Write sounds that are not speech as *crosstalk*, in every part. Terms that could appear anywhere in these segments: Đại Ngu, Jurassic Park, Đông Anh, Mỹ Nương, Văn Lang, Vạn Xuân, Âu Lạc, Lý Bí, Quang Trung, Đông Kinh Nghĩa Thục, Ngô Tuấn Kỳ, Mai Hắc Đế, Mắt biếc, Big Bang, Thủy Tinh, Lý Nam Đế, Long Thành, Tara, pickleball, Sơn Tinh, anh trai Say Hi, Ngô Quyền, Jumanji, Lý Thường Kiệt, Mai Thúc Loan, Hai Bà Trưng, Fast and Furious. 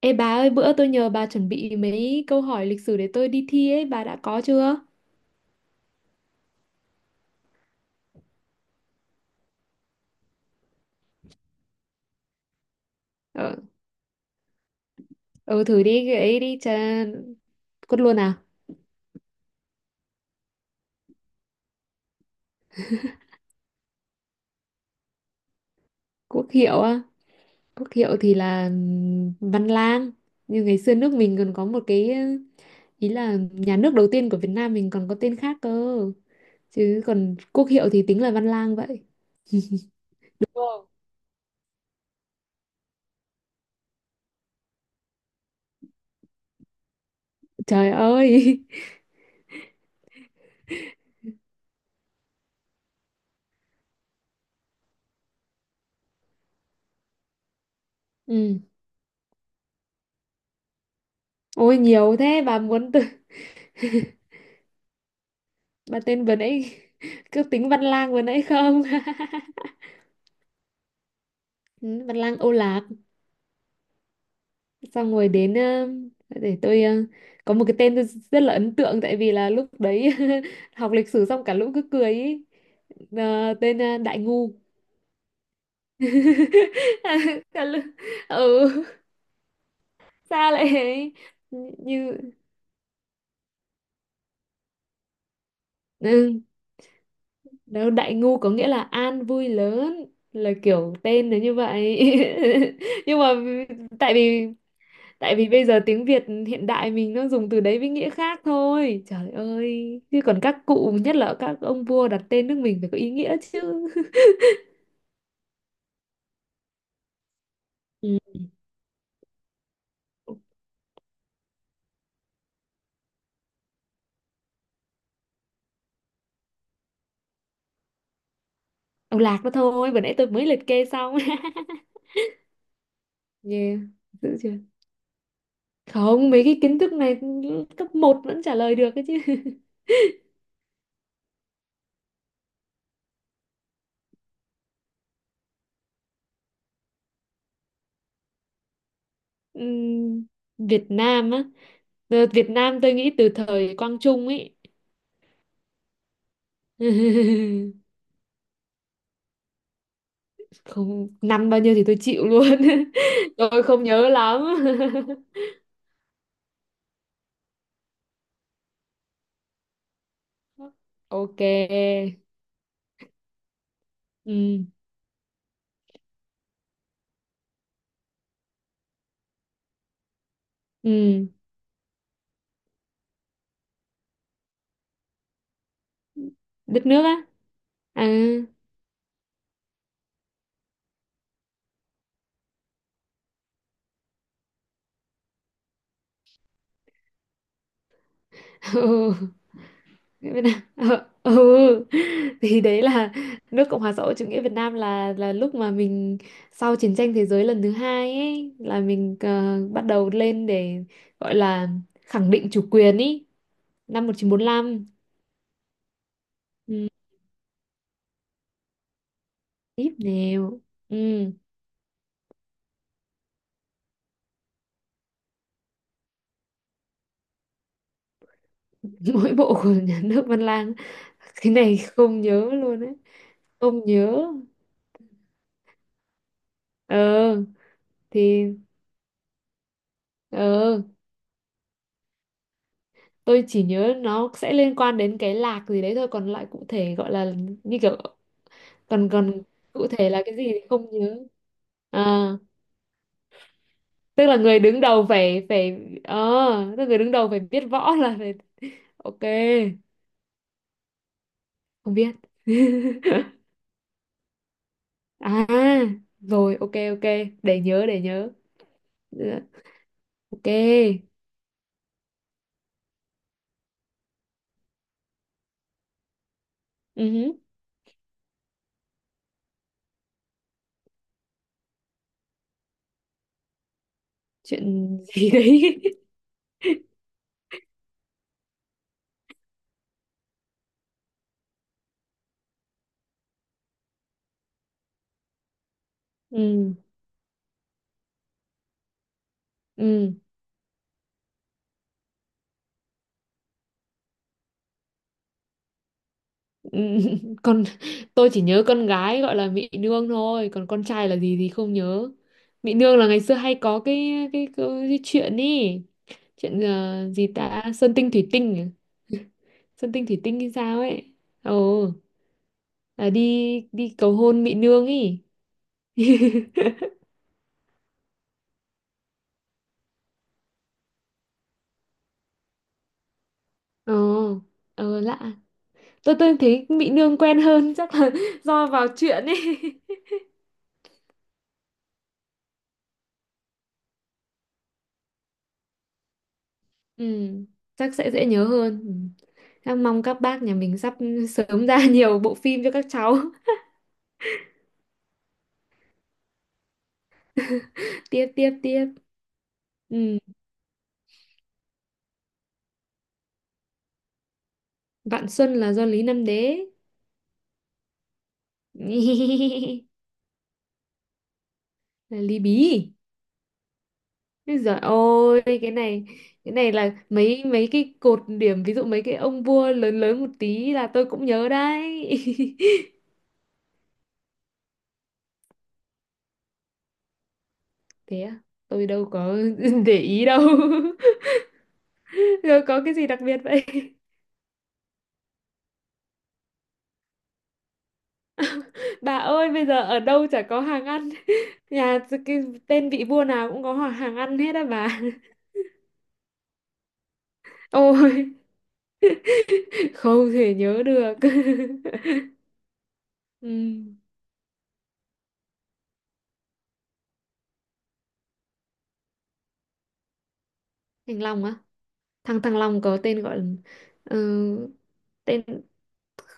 Ê bà ơi, bữa tôi nhờ bà chuẩn bị mấy câu hỏi lịch sử để tôi đi thi ấy, bà đã có chưa? Ờ, ừ, thử đi cái ấy đi, cha... Cốt luôn à? Quốc hiệu á? Quốc hiệu thì là Văn Lang. Như ngày xưa nước mình còn có một cái, ý là nhà nước đầu tiên của Việt Nam mình còn có tên khác cơ. Chứ còn quốc hiệu thì tính là Văn Lang vậy. Đúng không? Trời ơi! *laughs* Ừ. Ôi nhiều thế, bà muốn từ... Bà tên vừa nãy *laughs* cứ tính Văn Lang vừa nãy không? *laughs* Ừ, Văn Lang Âu Lạc. Xong rồi đến để tôi, có một cái tên tôi rất là ấn tượng tại vì là lúc đấy *laughs* học lịch sử xong cả lũ cứ cười ý. Tên Đại Ngu. *laughs* À, cả lũ ừ sao lại ấy? Như ừ, đâu Đại Ngu có nghĩa là an vui lớn, là kiểu tên nó như vậy. *laughs* Nhưng mà tại vì tại vì bây giờ tiếng Việt hiện đại mình nó dùng từ đấy với nghĩa khác thôi, trời ơi, chứ còn các cụ, nhất là các ông vua đặt tên nước mình, phải có ý nghĩa chứ. Ừ. Ông lạc đó thôi, vừa nãy tôi mới liệt kê xong. *laughs* Yeah, dữ chưa? Không, mấy cái kiến thức này cấp một vẫn trả lời được ấy chứ. *laughs* Ừm, Việt Nam á? Ờ, Việt Nam tôi nghĩ từ thời Quang Trung ấy. *laughs* Không, năm bao nhiêu thì tôi chịu luôn. *laughs* Tôi không nhớ lắm. *laughs* Ok. Ừ. Ừ, đất nước á. À. *laughs* Ừ, Việt Nam. Ờ, ừ. *laughs* Thì đấy là nước Cộng hòa xã hội chủ nghĩa Việt Nam là lúc mà mình sau chiến tranh thế giới lần thứ hai ấy là mình bắt đầu lên để gọi là khẳng định chủ quyền ý. Năm 1945. Ừ. Tiếp nèo. Ừ. *laughs* Mỗi bộ của nhà nước Văn Lang, cái này không nhớ luôn ấy. Không nhớ. Ờ thì ờ Tôi chỉ nhớ nó sẽ liên quan đến cái lạc gì đấy thôi, còn lại cụ thể gọi là như kiểu, còn còn cụ thể là cái gì thì không nhớ. À, tức là người đứng đầu phải phải ờ tức là người đứng đầu phải biết võ là phải. Ok. Không biết. *laughs* À rồi, ok, ok. Để nhớ, để nhớ. Dạ, ok. Ừ, chuyện gì đấy. *laughs* Ừ. Ừ. *laughs* Còn tôi chỉ nhớ con gái gọi là Mỹ Nương thôi, còn con trai là gì thì không nhớ. Mỹ Nương là ngày xưa hay có cái chuyện ý, chuyện gì ta, Sơn Tinh Thủy Tinh, à? Sơn Tinh Thủy Tinh hay sao ấy. Ồ, là đi đi cầu hôn Mỹ Nương ý. *laughs* Ồ, lạ. Tôi thấy Mỹ Nương quen hơn chắc là *laughs* do vào chuyện ấy. *laughs* Ừ, chắc sẽ dễ nhớ hơn. Ừ. Em mong các bác nhà mình sắp sớm ra *laughs* nhiều bộ phim cho các cháu. Tiếp tiếp tiếp. Ừ. Vạn Xuân là do Lý Nam Đế. *laughs* Là Lý Bí. Úi giời ơi, cái này, cái này là mấy mấy cái cột điểm, ví dụ mấy cái ông vua lớn lớn một tí là tôi cũng nhớ đấy. *laughs* Thế à? Tôi đâu có *laughs* để ý đâu. *laughs* Rồi có cái gì đặc biệt vậy? *laughs* Bà ơi, bây giờ ở đâu chả có hàng ăn. *laughs* Nhà, cái tên vị vua nào cũng có hàng ăn hết á bà. *laughs* Ôi không thể nhớ được. *laughs* Ừ. Thành Long á, thằng thằng Long có tên gọi là ờ, tên,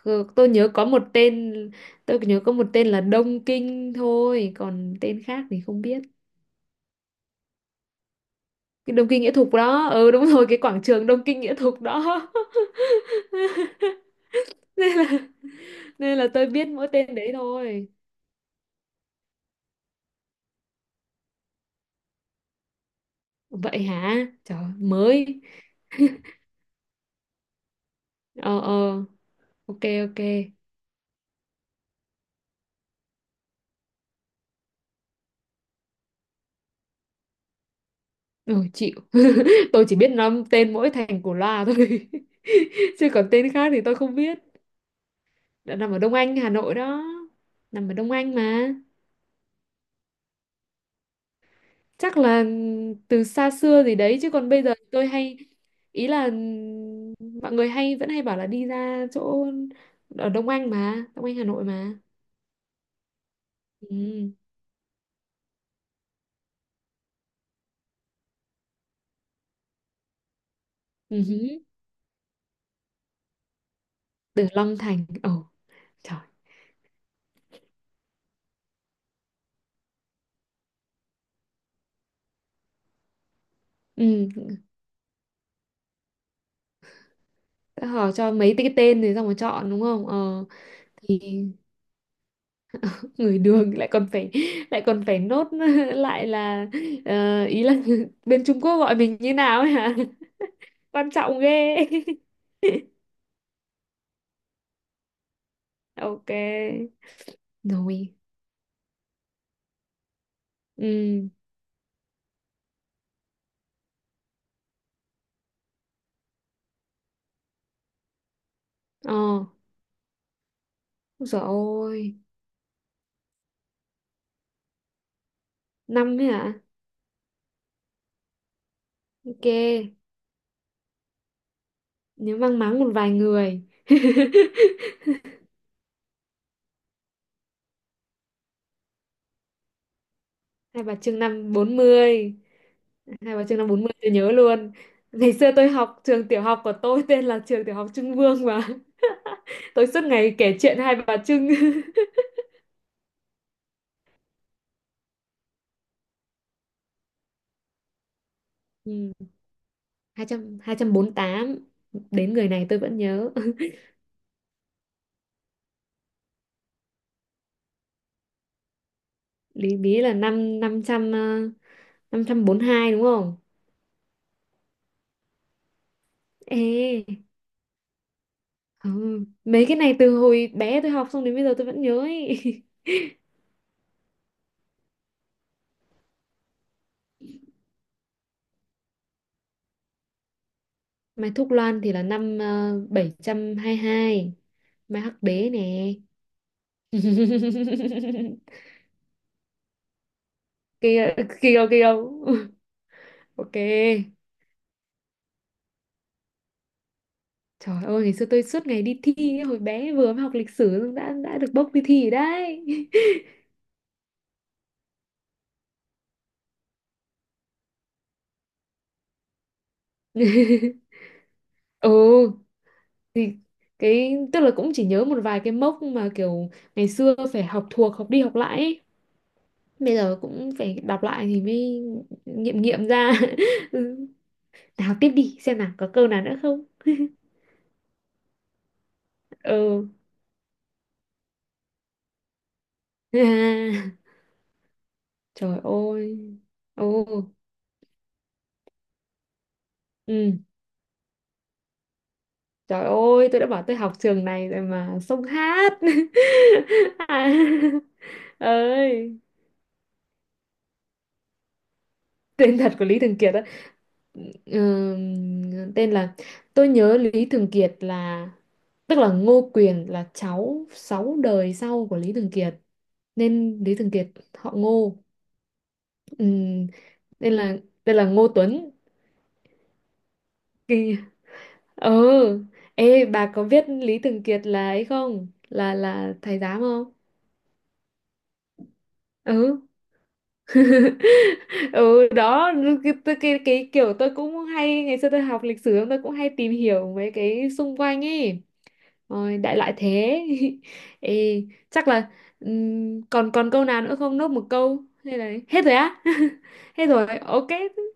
ờ, tôi nhớ có một tên tôi nhớ có một tên là Đông Kinh thôi, còn tên khác thì không biết. Cái Đông Kinh Nghĩa Thục đó, ừ đúng rồi, cái quảng trường Đông Kinh Nghĩa Thục đó. *laughs* Nên là, nên là tôi biết mỗi tên đấy thôi. Vậy hả trời, mới, ờ ờ, ok, ok. Ừ, chịu. *laughs* Tôi chỉ biết năm tên mỗi thành của loa thôi. *laughs* Chứ còn tên khác thì tôi không biết. Đã nằm ở Đông Anh, Hà Nội đó. Nằm ở Đông Anh mà. Chắc là từ xa xưa gì đấy, chứ còn bây giờ tôi hay, ý là mọi người hay vẫn hay bảo là đi ra chỗ ở Đông Anh mà, Đông Anh Hà Nội mà. Ừ. Ừ. Từ Long Thành. Ồ, trời. Ừ. Sẽ hỏi cho mấy cái tên thì xong rồi chọn đúng không? Ờ thì người đường lại còn phải nốt, *laughs* lại là ý là *laughs* bên Trung Quốc gọi mình như nào ấy hả? *laughs* Quan trọng ghê. *laughs* Ok. Rồi. Ừ. Ờ. Rồi. Ôi, năm ấy hả? Ok. Nếu mang máng một vài người. *laughs* Hai Bà Trưng năm 40. Hai Bà Trưng năm bốn mươi tôi nhớ luôn. Ngày xưa tôi học trường tiểu học của tôi tên là trường tiểu học Trưng Vương mà. *laughs* Tôi suốt ngày kể chuyện Hai Bà Trưng. *laughs* Ừ. 200 tám, đến người này tôi vẫn nhớ. *laughs* Lý Bí là năm ờ, 500, hai đúng không? Ê, ừ. Mấy cái này từ hồi bé tôi học xong đến bây giờ tôi vẫn nhớ ấy. *laughs* Mai Thúc Loan thì là năm 722. Mai Hắc Đế nè. *laughs* Kia, kia, kia. *laughs* Ok. Trời ơi, ngày xưa tôi suốt ngày đi thi ấy, hồi bé vừa mới học lịch sử đã được bốc đi thi rồi đấy. *laughs* Ừ, thì cái, tức là cũng chỉ nhớ một vài cái mốc mà kiểu ngày xưa phải học thuộc học đi học lại ấy. Bây giờ cũng phải đọc lại thì mới nghiệm nghiệm ra. *laughs* Ừ. Nào tiếp đi, xem nào có câu nào nữa không. Ừ. *laughs* Trời ơi, ồ, ừ, trời ơi, tôi đã bảo tôi học trường này rồi mà, xông hát. *laughs* À, ơi, tên thật của Lý Thường Kiệt. Ờ, tên là, tôi nhớ Lý Thường Kiệt là, tức là Ngô Quyền là cháu 6 đời sau của Lý Thường Kiệt, nên Lý Thường Kiệt họ Ngô, ừ, nên là tên là Ngô Tuấn. Kỳ- ờ, ê bà có biết Lý Thường Kiệt là ấy không, là là thầy giám không? Ừ. *laughs* Ừ đó, cái kiểu tôi cũng hay, ngày xưa tôi học lịch sử tôi cũng hay tìm hiểu mấy cái xung quanh ấy. Ôi, đại loại thế. *laughs* Ê, chắc là còn còn câu nào nữa không? Nốt một câu hay là hết rồi á? *laughs* Hết rồi. Ok.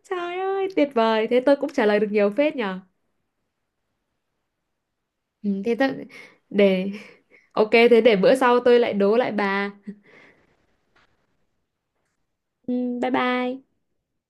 Trời ơi, tuyệt vời. Thế tôi cũng trả lời được nhiều phết nhở. Ừ, thế tôi để, ok thế để bữa sau tôi lại đố lại bà. Ừ, bye bye.